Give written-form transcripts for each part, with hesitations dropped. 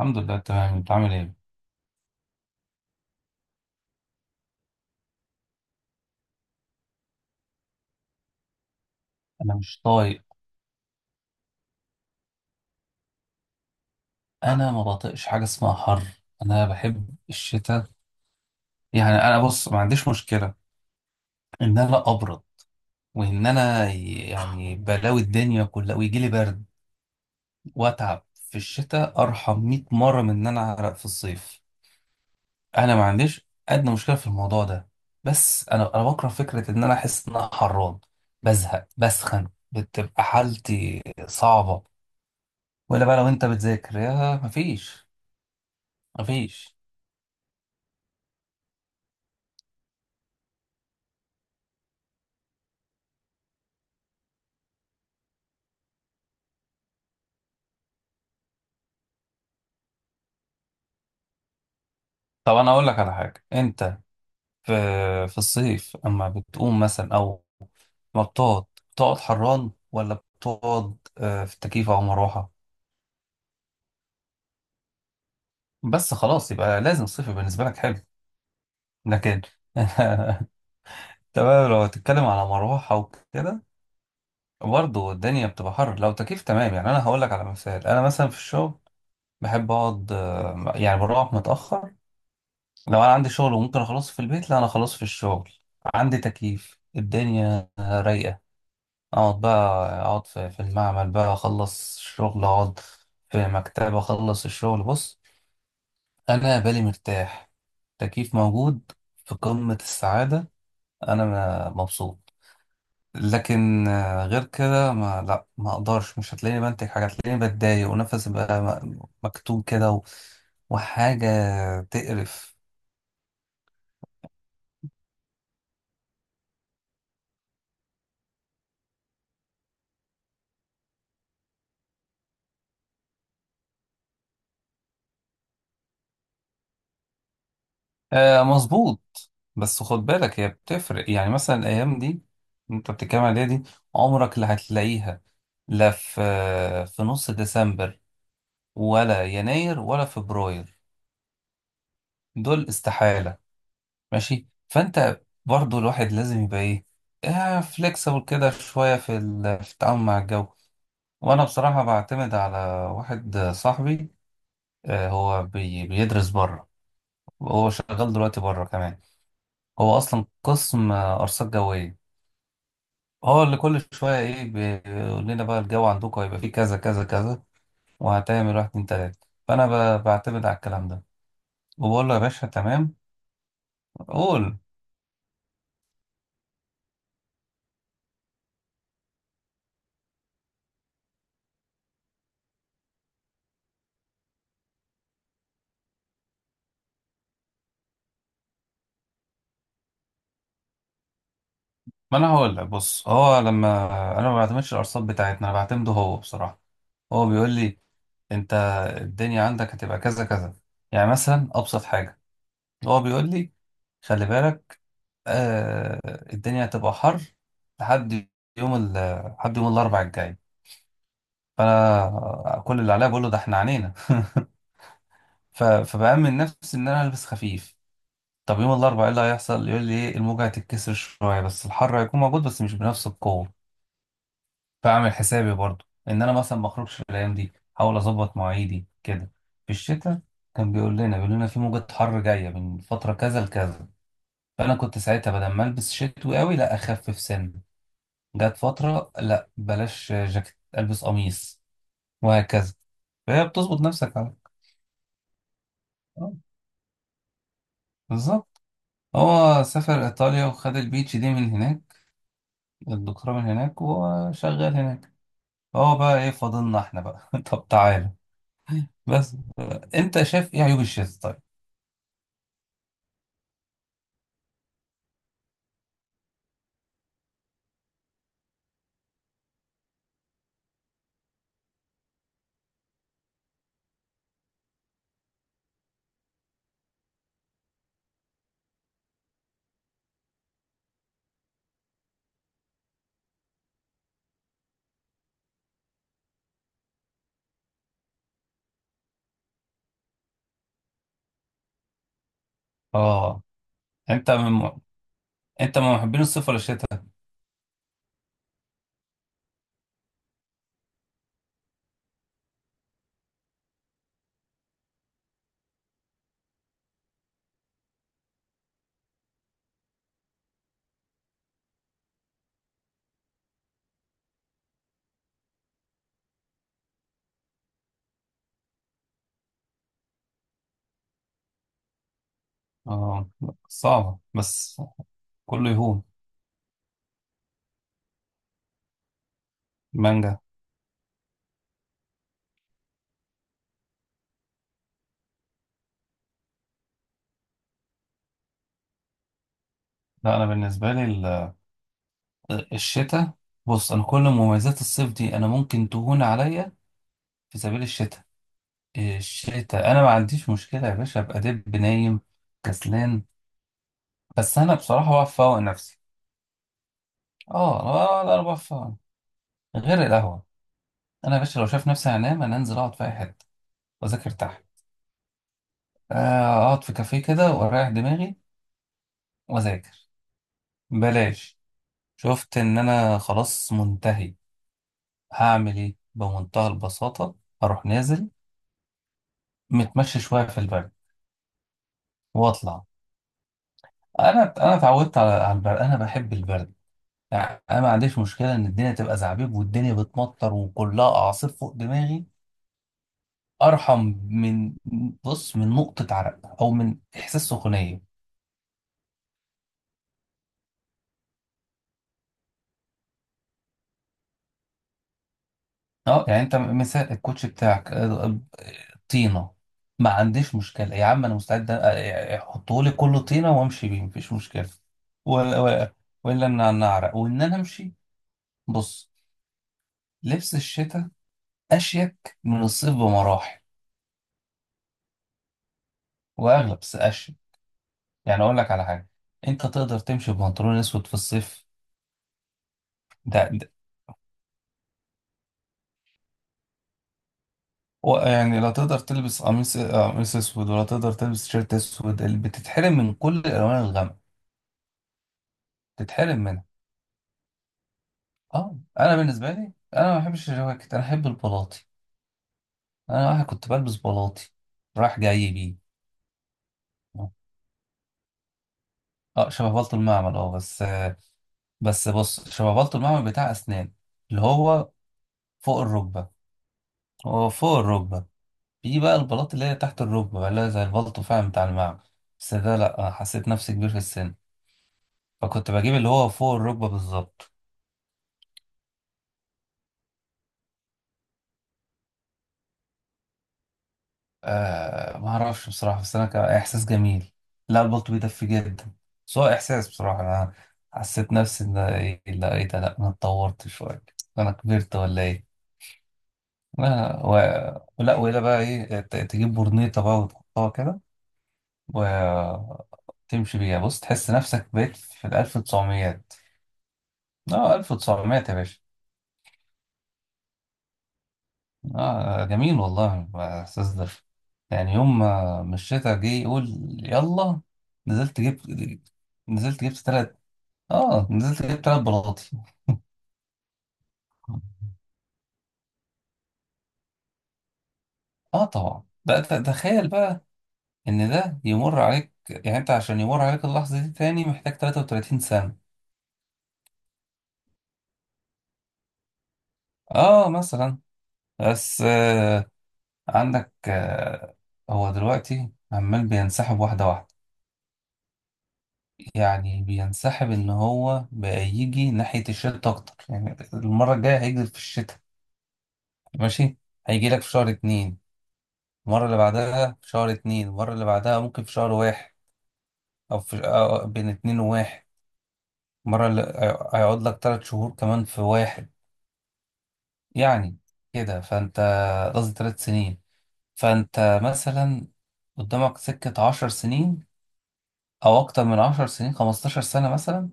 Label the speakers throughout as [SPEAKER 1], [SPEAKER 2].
[SPEAKER 1] الحمد لله، تمام. انت عامل ايه؟ انا مش طايق. انا ما بطيقش حاجه اسمها حر. انا بحب الشتاء. يعني انا بص، ما عنديش مشكله ان انا ابرد وان انا يعني بلاوي الدنيا كلها ويجي لي برد، واتعب في الشتاء ارحم 100 مره من ان انا اعرق في الصيف. انا ما عنديش ادنى مشكله في الموضوع ده. بس انا بكره فكره ان انا احس ان انا حران، بزهق، بسخن، بتبقى حالتي صعبه. ولا بقى لو انت بتذاكر، يا مفيش. مفيش. طب انا اقول لك على حاجه. انت في في الصيف اما بتقوم مثلا او ما بتقعد، بتقعد حران، ولا بتقعد في تكييف او مروحه؟ بس خلاص، يبقى لازم الصيف يبقى بالنسبه لك حلو. لكن تمام، لو هتتكلم على مروحه وكده، برضه الدنيا بتبقى حر. لو تكييف، تمام. يعني انا هقول لك على مثال. انا مثلا في الشغل بحب اقعد، يعني بروح متاخر. لو انا عندي شغل وممكن اخلصه في البيت، لا انا اخلصه في الشغل. عندي تكييف، الدنيا رايقه، اقعد بقى. اقعد في المعمل بقى، اخلص الشغل، اقعد في مكتب، اخلص الشغل. بص، انا بالي مرتاح، تكييف موجود، في قمة السعادة. انا مبسوط. لكن غير كده، ما اقدرش، مش هتلاقيني بنتج حاجة، هتلاقيني بتضايق ونفسي بقى مكتوم كده، وحاجة تقرف. آه مظبوط، بس خد بالك، هي بتفرق. يعني مثلا الايام دي انت بتتكلم عليها دي، عمرك لا هتلاقيها. لا، في نص ديسمبر، ولا يناير ولا فبراير، دول استحالة. ماشي. فانت برضو الواحد لازم يبقى ايه، فليكسبل كده شوية، في التعامل مع الجو. وانا بصراحة بعتمد على واحد صاحبي. آه، هو بيدرس بره، وهو شغال دلوقتي بره كمان. هو اصلا قسم ارصاد جوية. هو اللي كل شوية ايه بيقول لنا بقى الجو عندكم هيبقى فيه كذا كذا كذا، وهتعمل واحد اتنين تلاتة. فأنا بعتمد على الكلام ده، وبقول له يا باشا تمام، قول. ما أنا هقول لك. بص، هو لما... أنا ما بعتمدش الأرصاد بتاعتنا، أنا بعتمده هو بصراحة. هو بيقول لي أنت الدنيا عندك هتبقى كذا كذا. يعني مثلا أبسط حاجة، هو بيقول لي خلي بالك، آه، الدنيا هتبقى حر لحد... يوم ال لحد يوم الأربع الجاي. فأنا كل اللي عليا بقول له ده احنا عنينا. فبأمن نفسي إن أنا ألبس خفيف. طب يوم الأربعاء إيه اللي هيحصل؟ يقول لي إيه، الموجة هتتكسر شوية، بس الحر هيكون موجود بس مش بنفس القوة. فأعمل حسابي برضو إن أنا مثلا ما أخرجش الأيام دي، أحاول أظبط مواعيدي كده. في الشتاء كان بيقول لنا في موجة حر جاية من فترة كذا لكذا. فأنا كنت ساعتها بدل ما ألبس شتوي قوي، لا أخفف سن، جت فترة لا بلاش جاكيت، ألبس قميص، وهكذا. فهي بتظبط نفسك على... آه، بالظبط. هو سافر إيطاليا وخد البيتش دي من هناك، الدكتوراه من هناك وشغال هناك. هو بقى إيه فاضلنا إحنا بقى؟ طب تعالى. بس أنت شايف إيه عيوب الشتاء طيب؟ آه. أنت من أنت من محبين الصيف ولا الشتاء؟ آه، صعبة بس. كله يهون. مانجا. لا أنا بالنسبة لي الشتاء. بص، أنا كل مميزات الصيف دي أنا ممكن تهون عليا في سبيل الشتاء. الشتاء أنا ما عنديش مشكلة يا باشا أبقى دب نايم كسلان. بس انا بصراحه بفوق نفسي. اه. لا انا بفوق غير القهوه. انا يا باشا لو شايف نفسي هنام، انا انزل اقعد في اي حته واذاكر تحت. آه، اقعد في كافيه كده واريح دماغي واذاكر. بلاش، شفت ان انا خلاص منتهي؟ هعمل ايه بمنتهى البساطه، هروح نازل، متمشى شويه في البرد، واطلع. انا اتعودت على البرد، انا بحب البرد. يعني انا ما عنديش مشكله ان الدنيا تبقى زعبيب والدنيا بتمطر وكلها اعاصير فوق دماغي، ارحم من... بص، من نقطه عرق او من احساس سخونيه. اه. يعني انت مثال الكوتش بتاعك، طينه. ما عنديش مشكله يا عم، انا مستعد احطه لي كله طينه وامشي بيه، مفيش مشكله. ولا ولا ولا ان انا اعرق وان انا امشي. بص، لبس الشتاء اشيك من الصيف بمراحل، واغلب، بس اشيك. يعني اقول لك على حاجه، انت تقدر تمشي ببنطلون اسود في الصيف؟ ده يعني لا، تقدر تلبس قميص اسود؟ ولا تقدر تلبس تيشيرت اسود؟ اللي بتتحرم من كل الالوان الغامقه، بتتحرم منها. اه، انا بالنسبه لي انا ما بحبش الجواكت، انا احب البلاطي. انا واحد كنت بلبس بلاطي رايح جاي بيه. اه شبه بلطو المعمل. اه، بس آه... بس بص، شبه بلطو المعمل بتاع اسنان، اللي هو فوق الركبه. هو فوق الركبه. في بقى البلاطي اللي هي تحت الركبه بقى، اللي هي زي البلطو فعلا بتاع المعمل، بس ده لا، أنا حسيت نفسي كبير في السن، فكنت بجيب اللي هو فوق الركبه بالظبط. آه ما اعرفش بصراحه، بس انا كان احساس جميل. لا البلط بيدفي جدا، بس هو احساس بصراحه. انا حسيت نفسي ان... لا ايه ده، لا انا اتطورت شويه، انا كبرت ولا ايه. لا و... لا ولا بقى ايه، تجيب برنيطه بقى وتحطها كده وتمشي بيها. بص، تحس نفسك بقيت في الألف وتسعميات. اه، ألف وتسعميات يا باشا. آه جميل والله الإحساس ده. يعني يوم ما مش شتا جه يقول يلا، نزلت جبت... نزلت جبت تلات... آه، نزلت جبت 3 بلاطي. آه طبعا. ده تخيل بقى إن ده يمر عليك. يعني أنت عشان يمر عليك اللحظة دي تاني محتاج 33 سنة. آه مثلا. بس آه، عندك آه، هو دلوقتي عمال بينسحب واحدة واحدة. يعني بينسحب ان هو بقى يجي ناحية الشتاء اكتر. يعني المرة الجاية هيجي في الشتاء، ماشي. هيجي لك في شهر اتنين. المرة اللي بعدها في شهر اتنين، المرة اللي بعدها ممكن في شهر واحد، او في أو بين اتنين وواحد. المرة هيقعد لك 3 شهور كمان في واحد. يعني كده فانت... قصدي 3 سنين. فانت مثلا قدامك سكة 10 سنين، او اكتر من 10 سنين، 15 سنة مثلا.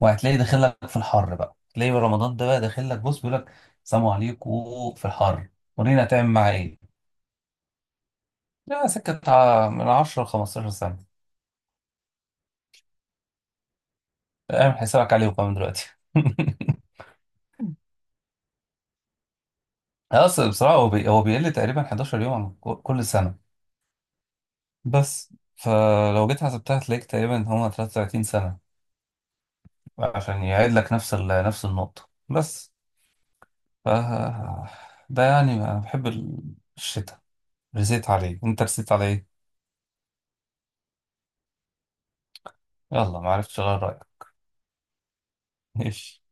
[SPEAKER 1] وهتلاقي داخل لك في الحر بقى، تلاقي رمضان ده بقى داخل لك، بص، بيقول لك سلام عليكم في الحر، ورينا هتعمل معاه ايه. لا، سكة من 10 ل 15 سنة. اعمل حسابك عليه وكمان دلوقتي. اصل بصراحة هو بيقل تقريبا 11 يوم عن كل سنة. بس فلو جيت حسبتها، هتلاقيك تقريبا هما 33 سنة عشان يعيد لك نفس نفس النقطة بس. ف... ده يعني انا بحب الشتاء. رسيت عليه. انت رسيت على ايه؟ يلا ما عرفتش اغير رأيك. ماشي.